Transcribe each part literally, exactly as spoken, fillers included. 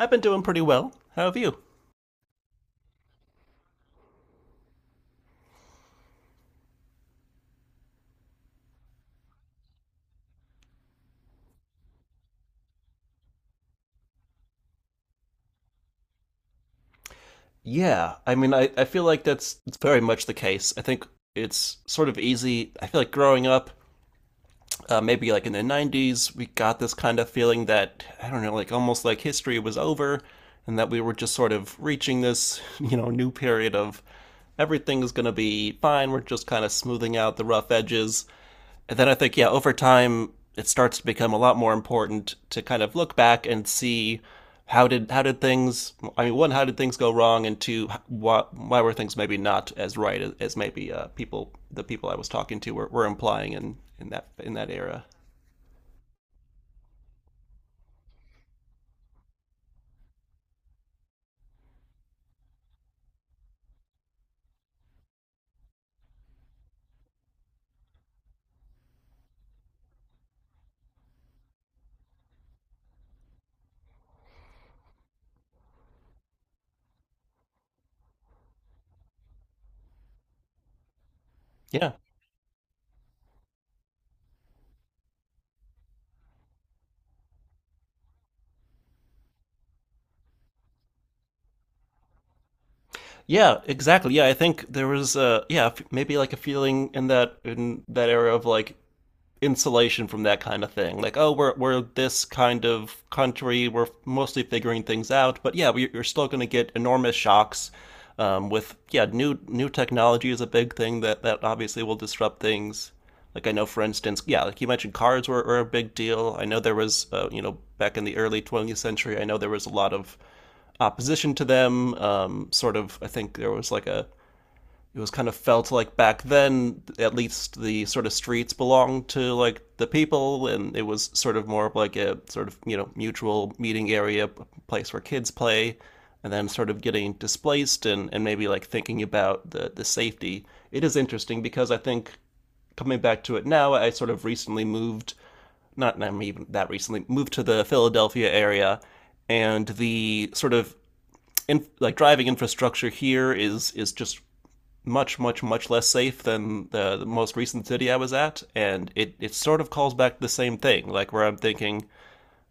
I've been doing pretty well. How have you? Yeah, I mean, I, I feel like that's it's very much the case. I think it's sort of easy. I feel like growing up, uh, maybe like in the nineties, we got this kind of feeling that, I don't know, like almost like history was over and that we were just sort of reaching this, you know, new period of everything's going to be fine. We're just kind of smoothing out the rough edges. And then I think, yeah, over time, it starts to become a lot more important to kind of look back and see how did how did things. I mean, one, how did things go wrong, and two, why, why were things maybe not as right as, as maybe uh, people the people i was talking to were, were implying in in that in that era. Yeah, yeah, exactly. Yeah i think there was a yeah maybe like a feeling in that in that era of like insulation from that kind of thing. Like, oh, we're we're this kind of country. We're mostly figuring things out, but yeah, we, you're still going to get enormous shocks. Um, with yeah, new new technology is a big thing that that obviously will disrupt things. Like I know, for instance, yeah, like you mentioned, cars were, were a big deal. I know there was, uh, you know, back in the early twentieth century, I know there was a lot of opposition to them. Um, sort of, I think there was like a it was kind of felt like back then, at least, the sort of streets belonged to like the people, and it was sort of more of like a sort of, you know, mutual meeting area, place where kids play, and then sort of getting displaced, and, and maybe like thinking about the, the safety. It is interesting because I think coming back to it now, I sort of recently moved, not not even that recently, moved to the Philadelphia area, and the sort of in, like driving infrastructure here is is just much, much, much less safe than the, the most recent city I was at, and it, it sort of calls back the same thing, like where I'm thinking,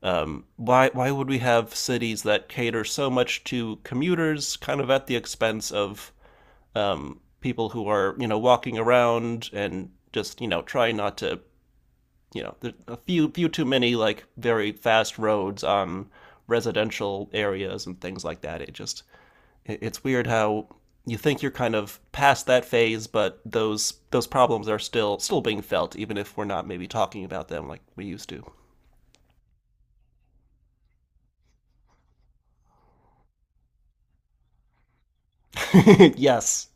um, why why would we have cities that cater so much to commuters, kind of at the expense of um, people who are, you know, walking around and just, you know, trying not to, you know, there a few few too many like very fast roads on residential areas and things like that. It just, it's weird how you think you're kind of past that phase, but those those problems are still still being felt, even if we're not maybe talking about them like we used to. Yes.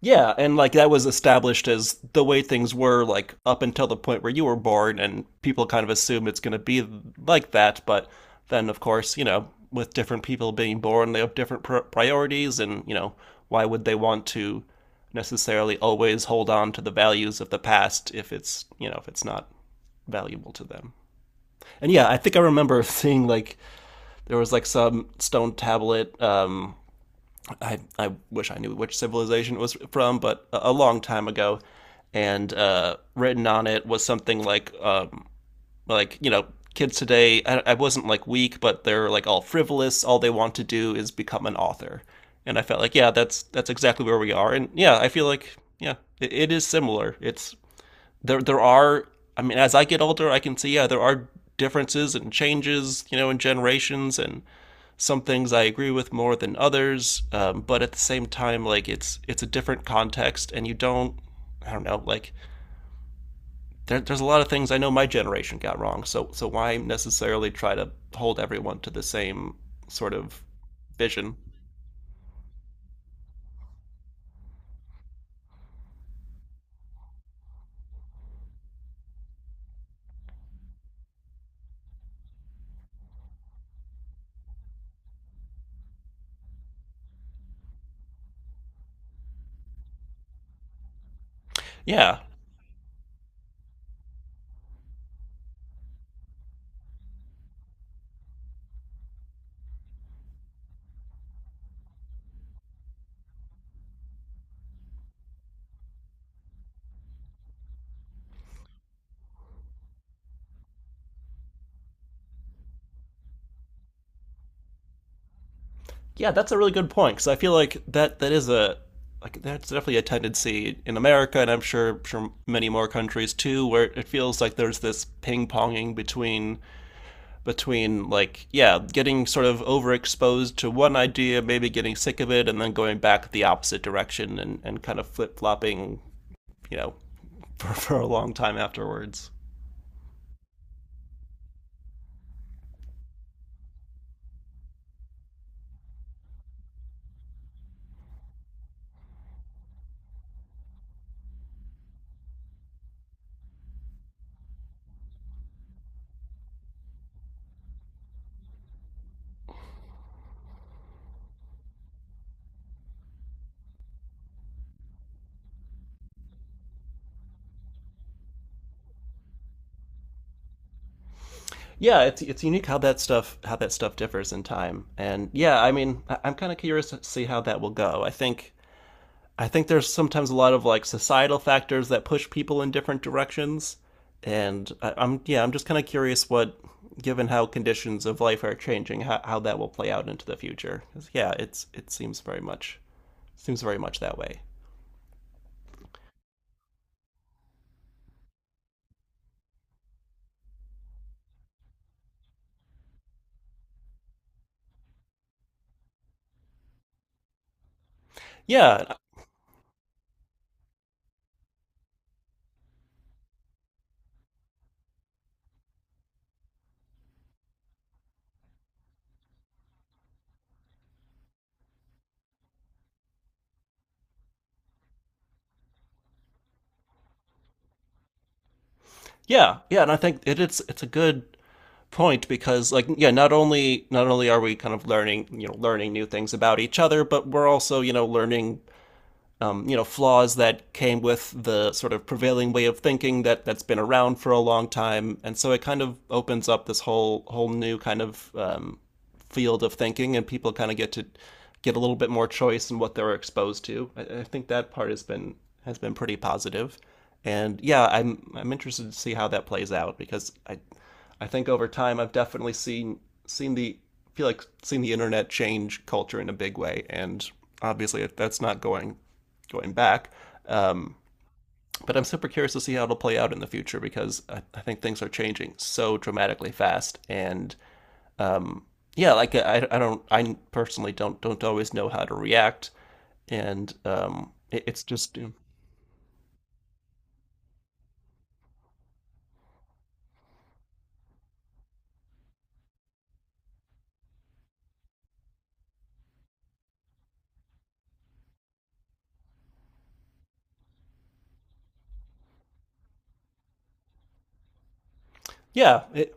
Yeah, and like that was established as the way things were like up until the point where you were born, and people kind of assume it's going to be like that. But then, of course, you know, with different people being born, they have different pr- priorities, and you know, why would they want to necessarily always hold on to the values of the past if it's you know if it's not valuable to them. And yeah, I think I remember seeing like there was like some stone tablet. Um, I I wish I knew which civilization it was from, but a, a long time ago, and uh, written on it was something like um, like you know, kids today. I, I wasn't like weak, but they're like all frivolous. All they want to do is become an author, and I felt like yeah, that's that's exactly where we are. And yeah, I feel like yeah, it, it is similar. It's there there are, I mean, as I get older, I can see yeah there are differences and changes, you know, in generations, and some things I agree with more than others, um, but at the same time, like it's it's a different context, and you don't, I don't know, like there, there's a lot of things I know my generation got wrong, so so why necessarily try to hold everyone to the same sort of vision. Yeah. Yeah, that's a really good point because I feel like that that is a, like that's definitely a tendency in America, and I'm sure sure many more countries too, where it feels like there's this ping ponging between between like yeah, getting sort of overexposed to one idea, maybe getting sick of it, and then going back the opposite direction and and kind of flip flopping, you know, for for a long time afterwards. Yeah, it's it's unique how that stuff how that stuff differs in time, and yeah, I mean, I- I'm kind of curious to see how that will go. I think I think there's sometimes a lot of like societal factors that push people in different directions, and I, I'm yeah, I'm just kind of curious what, given how conditions of life are changing, how, how that will play out into the future. 'Cause, yeah, it's it seems very much seems very much that way. Yeah, yeah, yeah, and I think it, it's it's a good point because like yeah, not only not only are we kind of learning, you know, learning new things about each other, but we're also, you know, learning um, you know, flaws that came with the sort of prevailing way of thinking that that's been around for a long time, and so it kind of opens up this whole whole new kind of um, field of thinking, and people kind of get to get a little bit more choice in what they're exposed to. I, I think that part has been has been pretty positive, and yeah, I'm I'm interested to see how that plays out because I I think over time I've definitely seen seen the feel like seen the internet change culture in a big way, and obviously that's not going going back. Um, but I'm super curious to see how it'll play out in the future because I, I think things are changing so dramatically fast, and um, yeah, like I, I don't, I personally don't don't always know how to react, and um, it, it's just yeah, it,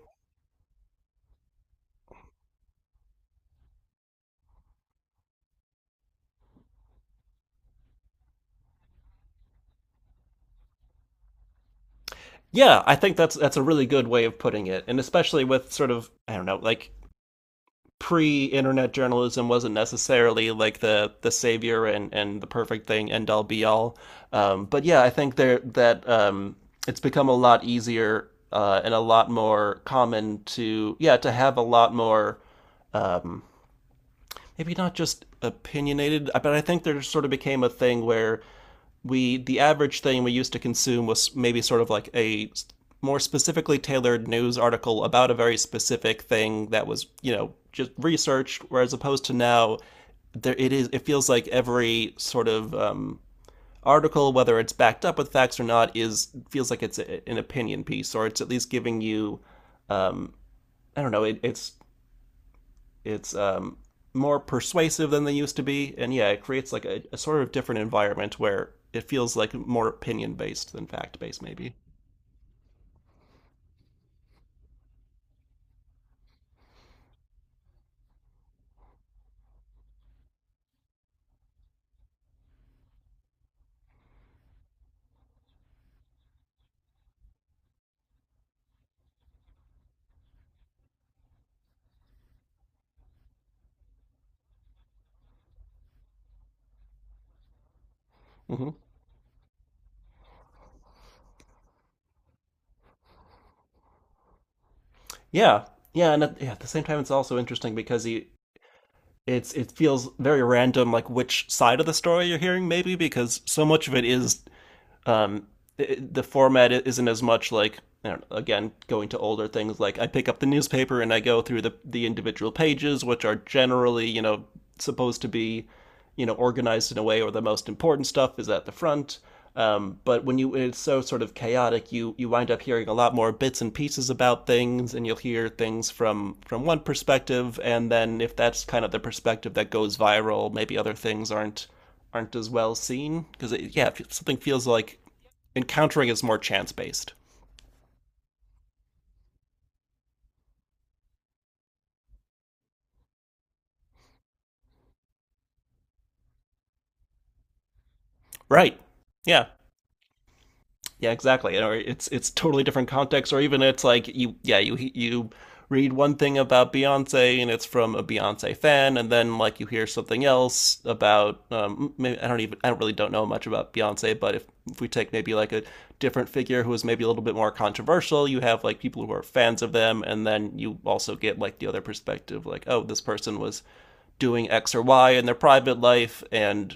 yeah. I think that's that's a really good way of putting it, and especially with sort of I don't know, like pre-internet journalism wasn't necessarily like the the savior and and the perfect thing, end all be all, um, but yeah, I think there that um, it's become a lot easier, uh, and a lot more common to yeah to have a lot more uh, maybe not just opinionated, uh, but I think there sort of became a thing where we the average thing we used to consume was maybe sort of like a more specifically tailored news article about a very specific thing that was, you know, just researched, whereas opposed to now there it is it feels like every sort of um article, whether it's backed up with facts or not, is feels like it's a, an opinion piece, or it's at least giving you um I don't know, it, it's it's um, more persuasive than they used to be, and yeah, it creates like a, a sort of different environment where it feels like more opinion based than fact based, maybe. Hmm. Yeah, yeah, and at, yeah, at the same time, it's also interesting because he. It's it feels very random, like which side of the story you're hearing, maybe because so much of it is um, it, the format isn't as much like, I don't know, again going to older things, like I pick up the newspaper and I go through the the individual pages, which are generally, you know, supposed to be, you know, organized in a way where the most important stuff is at the front. Um, but when you, it's so sort of chaotic, you you wind up hearing a lot more bits and pieces about things, and you'll hear things from from one perspective, and then if that's kind of the perspective that goes viral, maybe other things aren't aren't as well seen because yeah, something feels like encountering is more chance based, right? Yeah, yeah, exactly. Or it's it's totally different context, or even it's like you yeah you you read one thing about Beyonce, and it's from a Beyonce fan, and then like you hear something else about um, maybe I don't even I don't really don't know much about Beyonce, but if, if we take maybe like a different figure who is maybe a little bit more controversial, you have like people who are fans of them, and then you also get like the other perspective, like oh this person was doing X or Y in their private life, and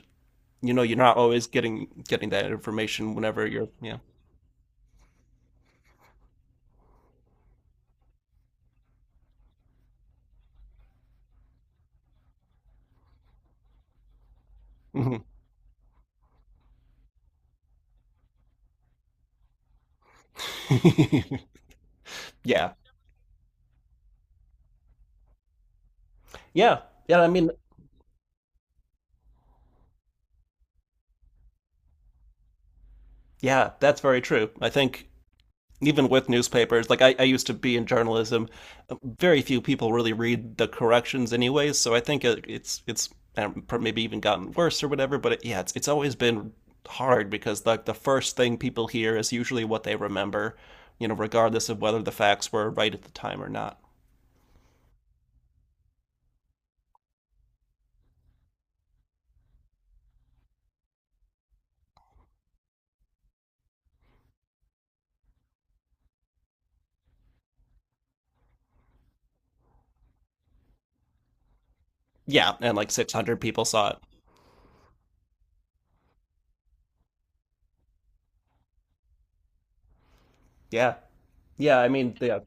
you know you're not always getting getting that information whenever you're yeah. Mhm. Yeah. Yeah. Yeah. I mean, yeah, that's very true. I think even with newspapers, like I, I used to be in journalism, very few people really read the corrections anyways. So I think it, it's, it's um, maybe even gotten worse or whatever. But it, yeah, it's, it's always been hard because like the the first thing people hear is usually what they remember, you know, regardless of whether the facts were right at the time or not. Yeah. And like six hundred people saw it. Yeah. Yeah. I mean, yeah,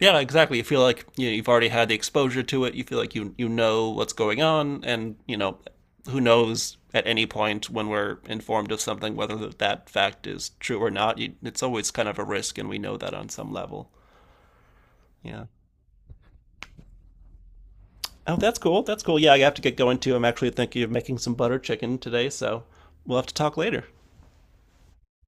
yeah, exactly. You feel like you know, you've already had the exposure to it. You feel like you you know what's going on, and you know who knows at any point when we're informed of something whether that, that fact is true or not. You, it's always kind of a risk, and we know that on some level. Yeah. Oh, that's cool. That's cool. Yeah, I have to get going too. I'm actually thinking of making some butter chicken today, so we'll have to talk later.